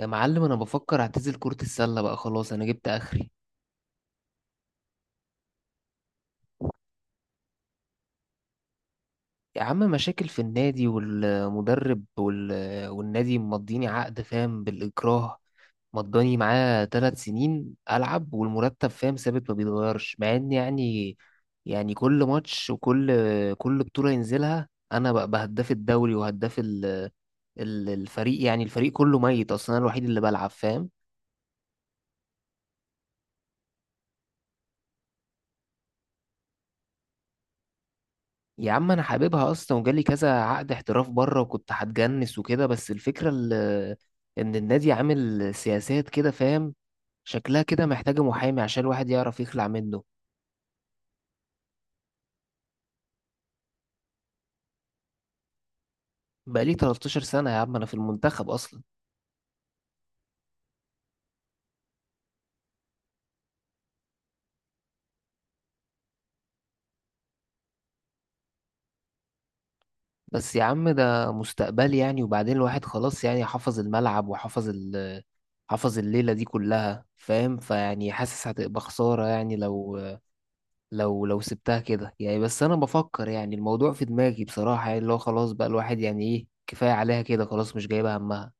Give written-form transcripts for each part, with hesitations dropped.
يا معلم انا بفكر اعتزل كرة السلة بقى. خلاص انا جبت اخري. يا عم مشاكل في النادي والمدرب والنادي مضيني عقد، فاهم، بالاكراه. مضاني معاه 3 سنين العب والمرتب، فاهم، ثابت ما بيتغيرش، مع ان يعني، يعني كل ماتش وكل بطولة ينزلها انا بقى هداف الدوري وهداف الفريق، يعني الفريق كله ميت اصلا، انا الوحيد اللي بلعب، فاهم. يا عم انا حاببها اصلا، وجالي كذا عقد احتراف بره، وكنت هتجنس وكده، بس ان النادي عامل سياسات كده، فاهم. شكلها كده محتاجه محامي عشان الواحد يعرف يخلع منه. بقالي 13 سنه يا عم انا في المنتخب اصلا. بس يا عم ده مستقبلي يعني، وبعدين الواحد خلاص يعني حفظ الملعب وحفظ ال حفظ الليله دي كلها، فاهم، فيعني حاسس هتبقى خساره يعني لو لو سبتها كده يعني. بس انا بفكر يعني، الموضوع في دماغي بصراحة، يعني اللي هو خلاص بقى الواحد يعني ايه، كفاية عليها كده خلاص، مش جايبة همها.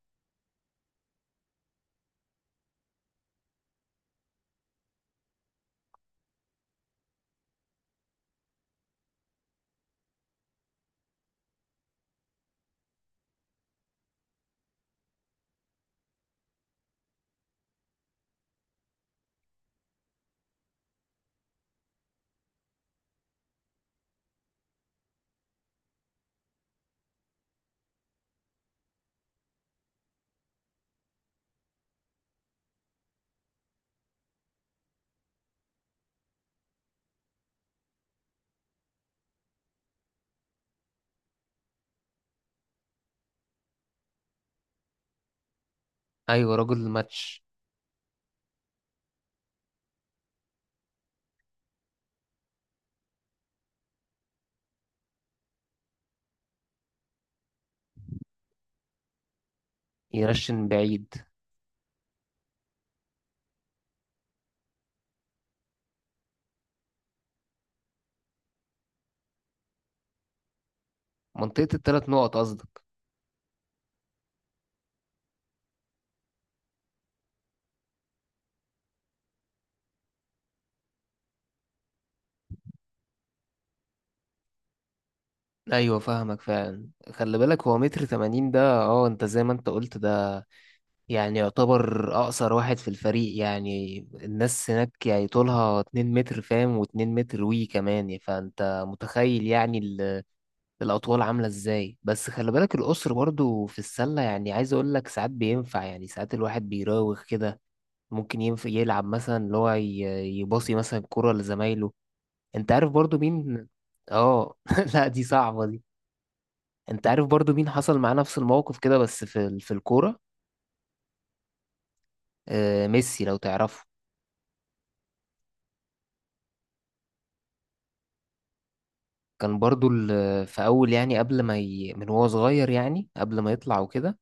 ايوه، رجل الماتش. يرشن من بعيد. منطقة التلات نقط قصدك. ايوه فاهمك فعلا. خلي بالك هو 1.80 متر ده، اه انت زي ما انت قلت، ده يعني يعتبر اقصر واحد في الفريق، يعني الناس هناك يعني طولها 2 متر، فاهم، واتنين متر وي كمان، يعني فانت متخيل يعني الأطوال عاملة إزاي. بس خلي بالك القصر برضو في السلة يعني، عايز أقول لك ساعات بينفع، يعني ساعات الواحد بيراوغ كده. ممكن ينفع يلعب مثلا، اللي هو يباصي مثلا كرة لزمايله. أنت عارف برضو مين. آه لا دي صعبة دي. أنت عارف برضو مين حصل معاه نفس الموقف كده، بس في الكورة. آه ميسي لو تعرفه. كان برضو في أول، يعني قبل ما من وهو صغير، يعني قبل ما يطلع وكده،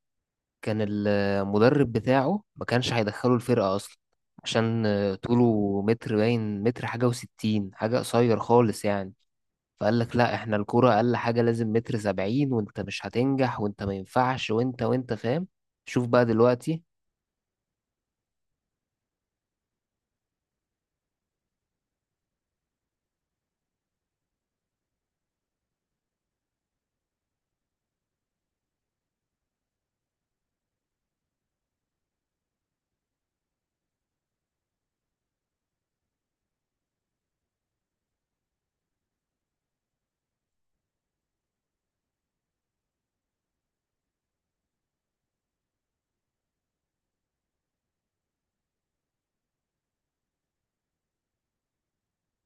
كان المدرب بتاعه ما كانش هيدخله الفرقة أصلا، عشان طوله متر باين، متر حاجة وستين حاجة، قصير خالص يعني. فقال لك لا احنا الكرة أقل حاجة لازم 1.70 متر، وانت مش هتنجح، وانت ما ينفعش، وانت فاهم. شوف بقى دلوقتي.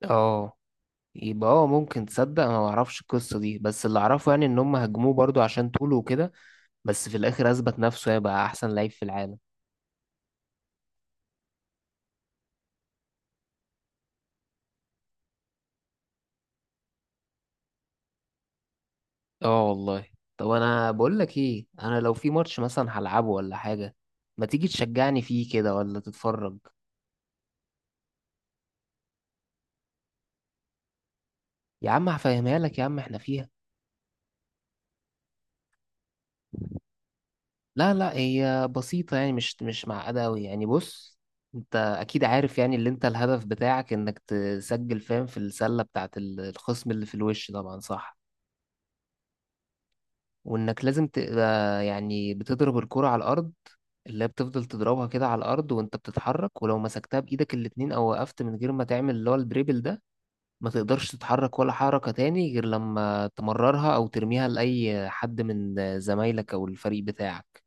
اه. يبقى ممكن تصدق انا ما اعرفش القصة دي، بس اللي اعرفه يعني ان هم هجموه برضو عشان طوله وكده، بس في الاخر اثبت نفسه هيبقى احسن لعيب في العالم. اه والله. طب انا بقول لك ايه، انا لو في ماتش مثلا هلعبه ولا حاجه، ما تيجي تشجعني فيه كده ولا تتفرج. يا عم هفهمها لك يا عم، احنا فيها. لا لا هي بسيطه يعني، مش معقده قوي يعني. بص، انت اكيد عارف يعني، اللي انت الهدف بتاعك انك تسجل، فاهم، في السله بتاعت الخصم اللي في الوش طبعا، صح. وانك لازم تبقى يعني بتضرب الكره على الارض، اللي هي بتفضل تضربها كده على الارض وانت بتتحرك. ولو مسكتها بايدك الاتنين، او وقفت من غير ما تعمل اللي هو الدريبل ده، ما تقدرش تتحرك ولا حركة تاني غير لما تمررها أو ترميها لأي حد من زمايلك أو الفريق بتاعك.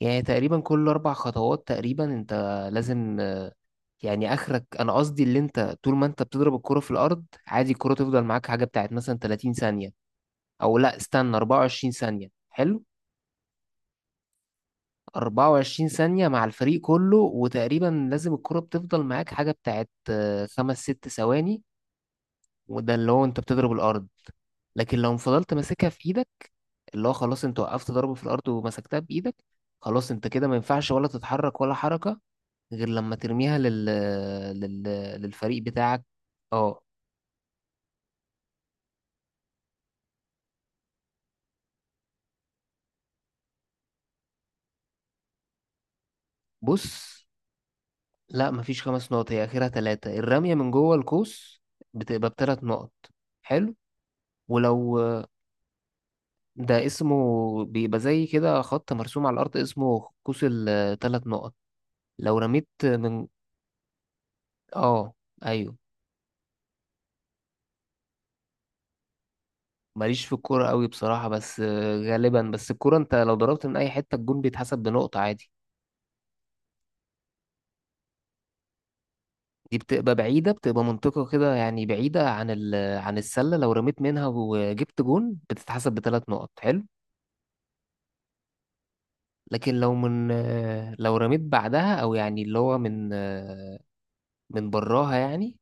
يعني تقريبا كل أربع خطوات تقريبا أنت لازم يعني آخرك، أنا قصدي اللي أنت طول ما أنت بتضرب الكرة في الأرض عادي، الكرة تفضل معاك حاجة بتاعت مثلا 30 ثانية، أو لأ استنى، 24 ثانية حلو. 24 ثانية مع الفريق كله، وتقريبا لازم الكرة بتفضل معاك حاجة بتاعت خمس ست ثواني، وده اللي هو أنت بتضرب الأرض. لكن لو فضلت ماسكها في ايدك، اللي هو خلاص انت وقفت ضربه في الارض ومسكتها بايدك، خلاص انت كده ما ينفعش ولا تتحرك ولا حركه، غير لما ترميها لل... للفريق بتاعك. اه. بص، لا مفيش خمس نقط، هي اخرها ثلاثه، الرميه من جوه القوس بتبقى بثلاث نقط. حلو. ولو ده اسمه، بيبقى زي كده خط مرسوم على الارض اسمه قوس ال3 نقط. لو رميت من اه ايوه. ماليش في الكورة قوي بصراحة، بس غالبا، بس الكورة انت لو ضربت من اي حتة الجون بيتحسب بنقطة عادي. دي بتبقى بعيدة، بتبقى منطقة كده يعني بعيدة عن عن السلة، لو رميت منها وجبت جون بتتحسب بثلاث نقط، حلو. لكن لو من لو رميت بعدها، او يعني اللي هو من من براها يعني،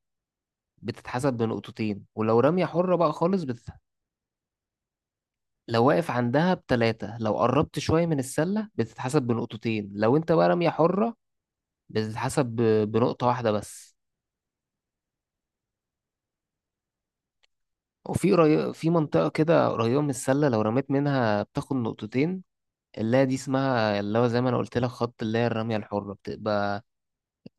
بتتحسب بنقطتين. ولو رمية حرة بقى خالص لو واقف عندها بتلاتة، لو قربت شوية من السلة بتتحسب بنقطتين، لو انت بقى رمية حرة بتتحسب بنقطة واحدة بس. في منطقة كده قريبة من السلة لو رميت منها بتاخد نقطتين، اللي هي دي اسمها اللي هو زي ما انا قلت لك، خط اللي هي الرمية الحرة، بتبقى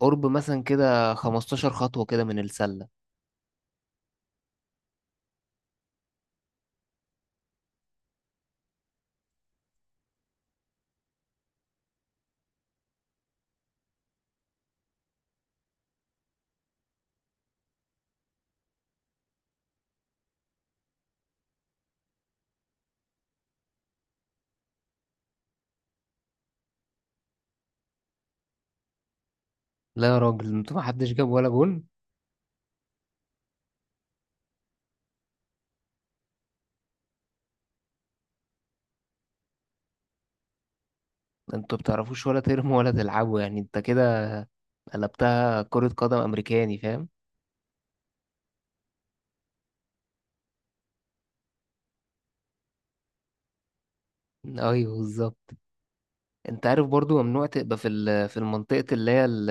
قرب مثلا كده 15 خطوة كده من السلة. لا يا راجل، انتوا ما حدش جاب ولا جون؟ انتوا بتعرفوش ولا ترموا ولا تلعبوا يعني، انت كده قلبتها كرة قدم امريكاني فاهم. ايوه بالظبط. انت عارف برضو ممنوع تبقى في المنطقة اللي هي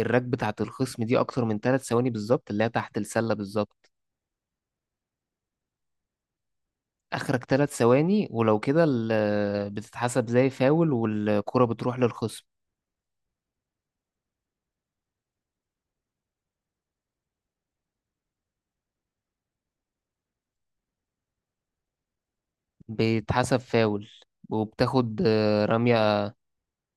الراك بتاعة الخصم دي اكتر من 3 ثواني، بالظبط اللي هي تحت السلة بالظبط. اخرك 3 ثواني، ولو كده بتتحسب زي فاول، والكرة بتروح للخصم. بيتحسب فاول وبتاخد رمية.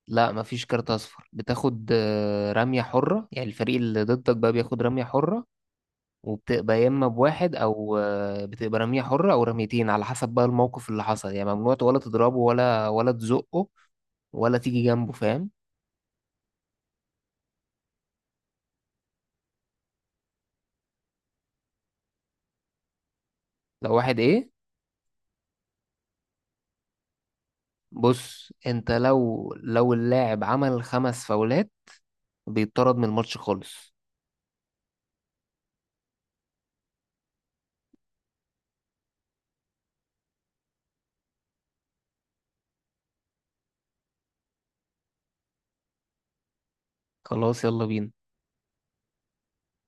لا مفيش كارت اصفر، بتاخد رمية حرة، يعني الفريق اللي ضدك بقى بياخد رمية حرة، وبتبقى يا اما بواحد او بتبقى رمية حرة او رميتين على حسب بقى الموقف اللي حصل يعني. ممنوع ولا تضربه ولا تزقه ولا تيجي جنبه، فاهم. لو واحد ايه. بص انت لو اللاعب عمل 5 فاولات بيطرد من الماتش خالص. خلاص يلا بينا.